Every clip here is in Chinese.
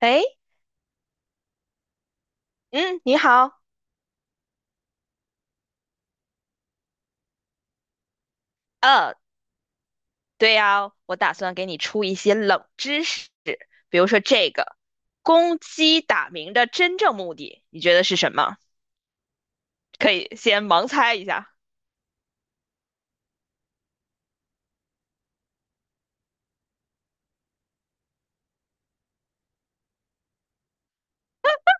哎，嗯，你好，呃，对呀，我打算给你出一些冷知识，比如说这个，公鸡打鸣的真正目的，你觉得是什么？可以先盲猜一下。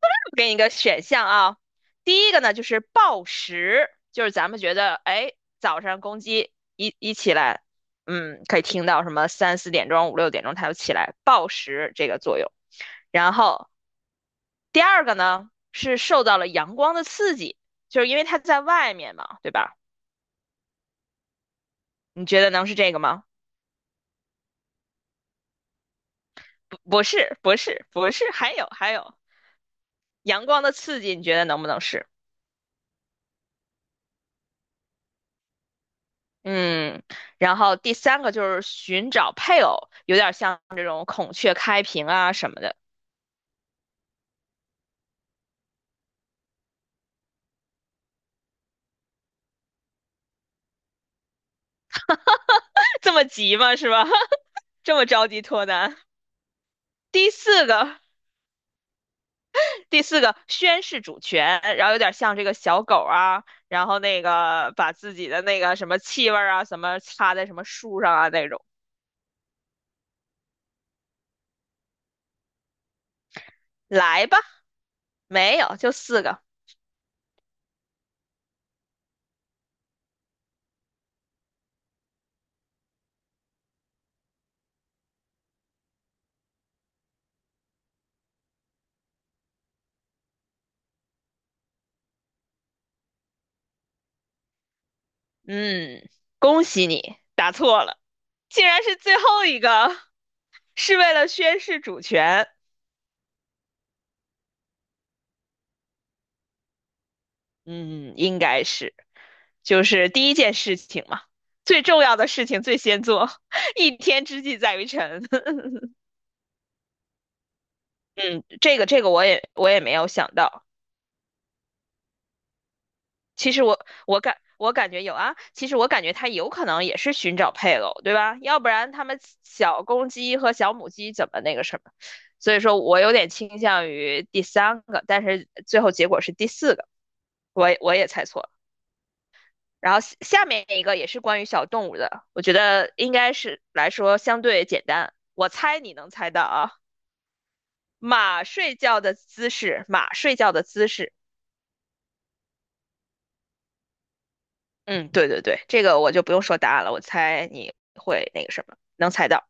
我给你一个选项啊。第一个呢，就是报时，就是咱们觉得，哎，早上公鸡一起来，嗯，可以听到什么三四点钟、五六点钟它就起来报时这个作用。然后第二个呢是受到了阳光的刺激，就是因为它在外面嘛，对吧？你觉得能是这个吗？不，不是，不是，不是，还有阳光的刺激，你觉得能不能是？嗯，然后第三个就是寻找配偶，有点像这种孔雀开屏啊什么的。这么急吗？是吧？这么着急脱单？第四个第四个宣誓主权，然后有点像这个小狗啊，然后那个把自己的那个什么气味儿啊，什么插在什么树上啊那种。来吧，没有，就四个。嗯，恭喜你答错了，竟然是最后一个，是为了宣誓主权。嗯，应该是，就是第一件事情嘛，最重要的事情最先做。一天之计在于晨。嗯，这个我也没有想到。其实我感觉有啊，其实我感觉它有可能也是寻找配偶，对吧？要不然他们小公鸡和小母鸡怎么那个什么？所以说我有点倾向于第三个，但是最后结果是第四个，我也猜错了。然后下面一个也是关于小动物的，我觉得应该是来说相对简单，我猜你能猜到啊。马睡觉的姿势，马睡觉的姿势。嗯，对对对，这个我就不用说答案了，我猜你会那个什么，能猜到。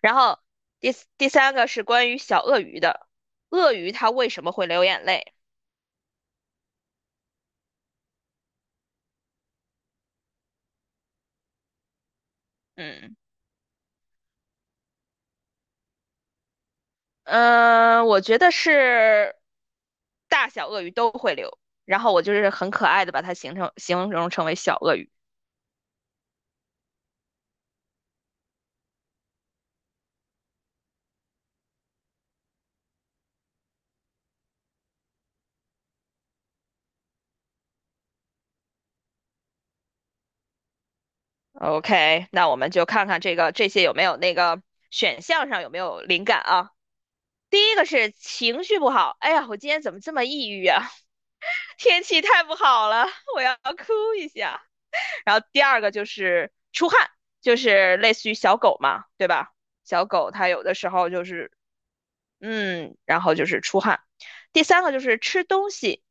然后第三个是关于小鳄鱼的，鳄鱼它为什么会流眼泪？嗯我觉得是大小鳄鱼都会流，然后我就是很可爱的把它形容成为小鳄鱼。OK，那我们就看看这个这些有没有那个选项上有没有灵感啊？第一个是情绪不好，哎呀，我今天怎么这么抑郁啊？天气太不好了，我要哭一下。然后第二个就是出汗，就是类似于小狗嘛，对吧？小狗它有的时候就是然后就是出汗。第三个就是吃东西，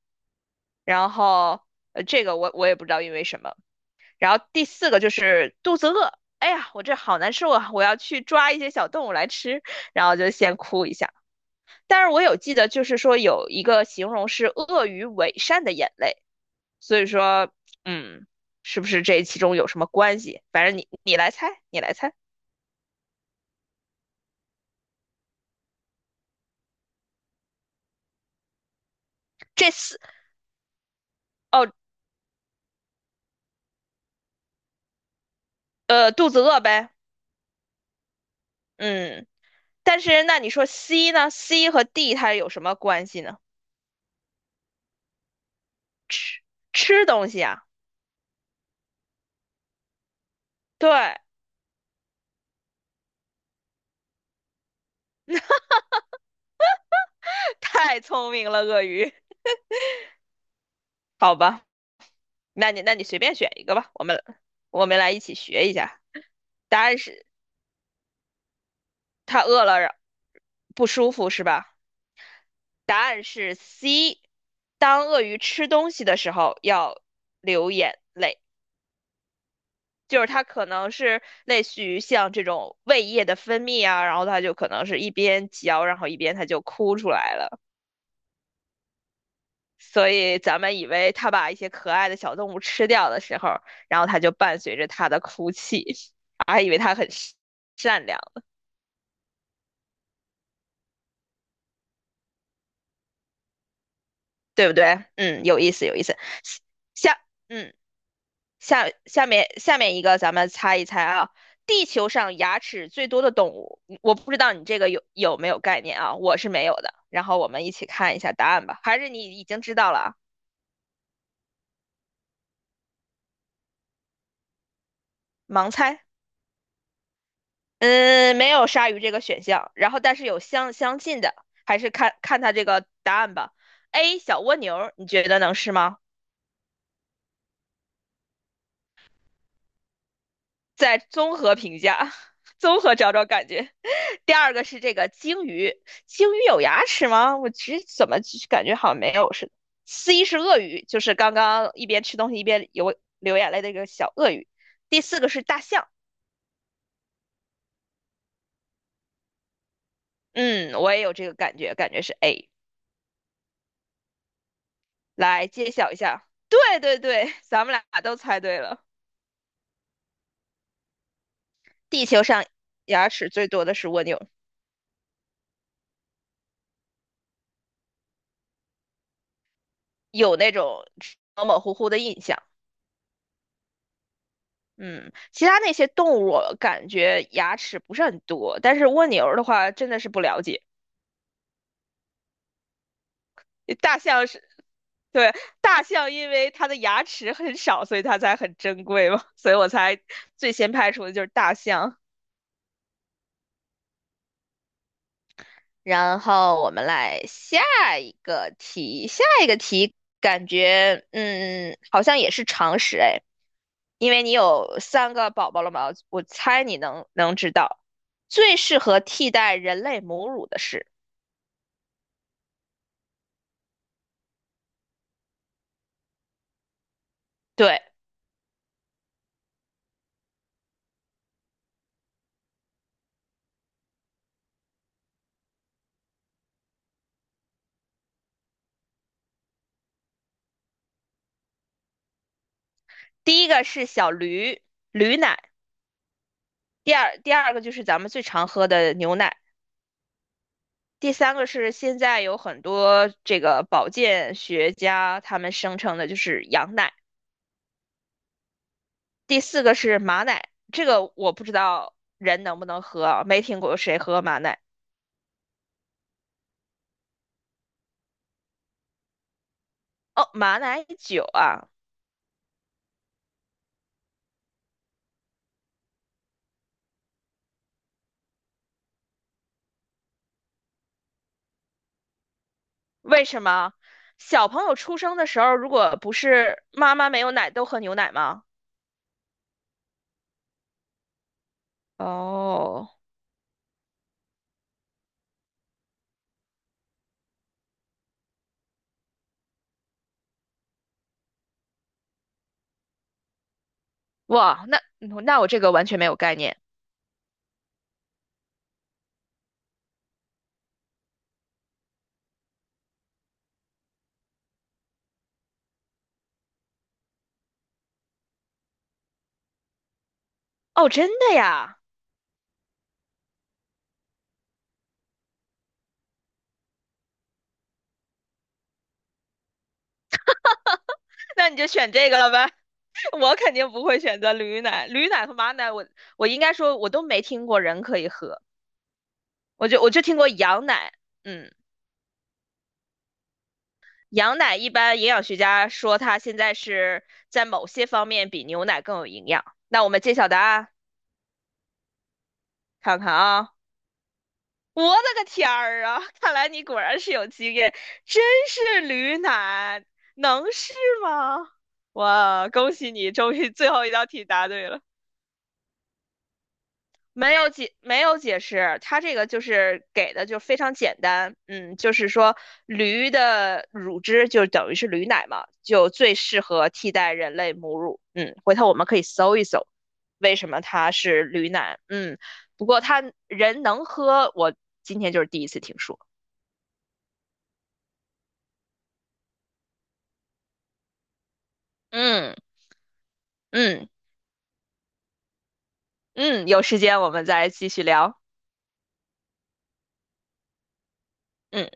然后这个我也不知道因为什么。然后第四个就是肚子饿，哎呀，我这好难受啊，我要去抓一些小动物来吃，然后就先哭一下。但是我有记得，就是说有一个形容是鳄鱼伪善的眼泪，所以说，嗯，是不是这其中有什么关系？反正你来猜，你来猜，这四肚子饿呗。嗯，但是那你说 C 呢？C 和 D 它有什么关系呢？吃吃东西啊。对。太聪明了，鳄鱼。好吧，那你随便选一个吧，我们来一起学一下。答案是它饿了，不舒服是吧？答案是 C。当鳄鱼吃东西的时候，要流眼泪。就是它可能是类似于像这种胃液的分泌啊，然后它就可能是一边嚼，然后一边它就哭出来了。所以咱们以为它把一些可爱的小动物吃掉的时候，然后它就伴随着它的哭泣，还以为它很善良，对不对？嗯，有意思，有意思。下，嗯。下面一个，咱们猜一猜啊，地球上牙齿最多的动物，我不知道你这个有没有概念啊，我是没有的。然后我们一起看一下答案吧，还是你已经知道了啊？盲猜？嗯，没有鲨鱼这个选项，然后但是有相近的，还是看看它这个答案吧。A 小蜗牛，你觉得能是吗？再综合评价，综合找找感觉。第二个是这个鲸鱼，鲸鱼有牙齿吗？我其实怎么感觉好像没有似的。C 是鳄鱼，就是刚刚一边吃东西一边流眼泪的一个小鳄鱼。第四个是大象，嗯，我也有这个感觉，感觉是 A。来揭晓一下，对对对，咱们俩都猜对了。地球上牙齿最多的是蜗牛，有那种模模糊糊的印象。嗯，其他那些动物我感觉牙齿不是很多，但是蜗牛儿的话真的是不了解。大象是，对，大象因为它的牙齿很少，所以它才很珍贵嘛，所以我才最先排除的就是大象。然后我们来下一个题感觉好像也是常识哎，因为你有三个宝宝了嘛，我猜你能知道最适合替代人类母乳的是。对，第一个是驴奶，第二个就是咱们最常喝的牛奶，第三个是现在有很多这个保健学家他们声称的就是羊奶，第四个是马奶，这个我不知道人能不能喝啊，没听过谁喝马奶。哦，马奶酒啊。为什么？小朋友出生的时候，如果不是妈妈没有奶，都喝牛奶吗？哦，哇，那我这个完全没有概念。哦，真的呀。那你就选这个了呗。我肯定不会选择驴奶，驴奶和马奶我应该说我都没听过人可以喝，我就听过羊奶。嗯，羊奶一般营养学家说它现在是在某些方面比牛奶更有营养。那我们揭晓答案，看看啊，我的个天儿啊，看来你果然是有经验，真是驴奶，能是吗？哇，恭喜你，终于最后一道题答对了。没有解释，它这个就是给的就非常简单，嗯，就是说驴的乳汁就等于是驴奶嘛，就最适合替代人类母乳，嗯，回头我们可以搜一搜，为什么它是驴奶。嗯，不过它人能喝，我今天就是第一次听说。嗯嗯嗯，有时间我们再继续聊，嗯。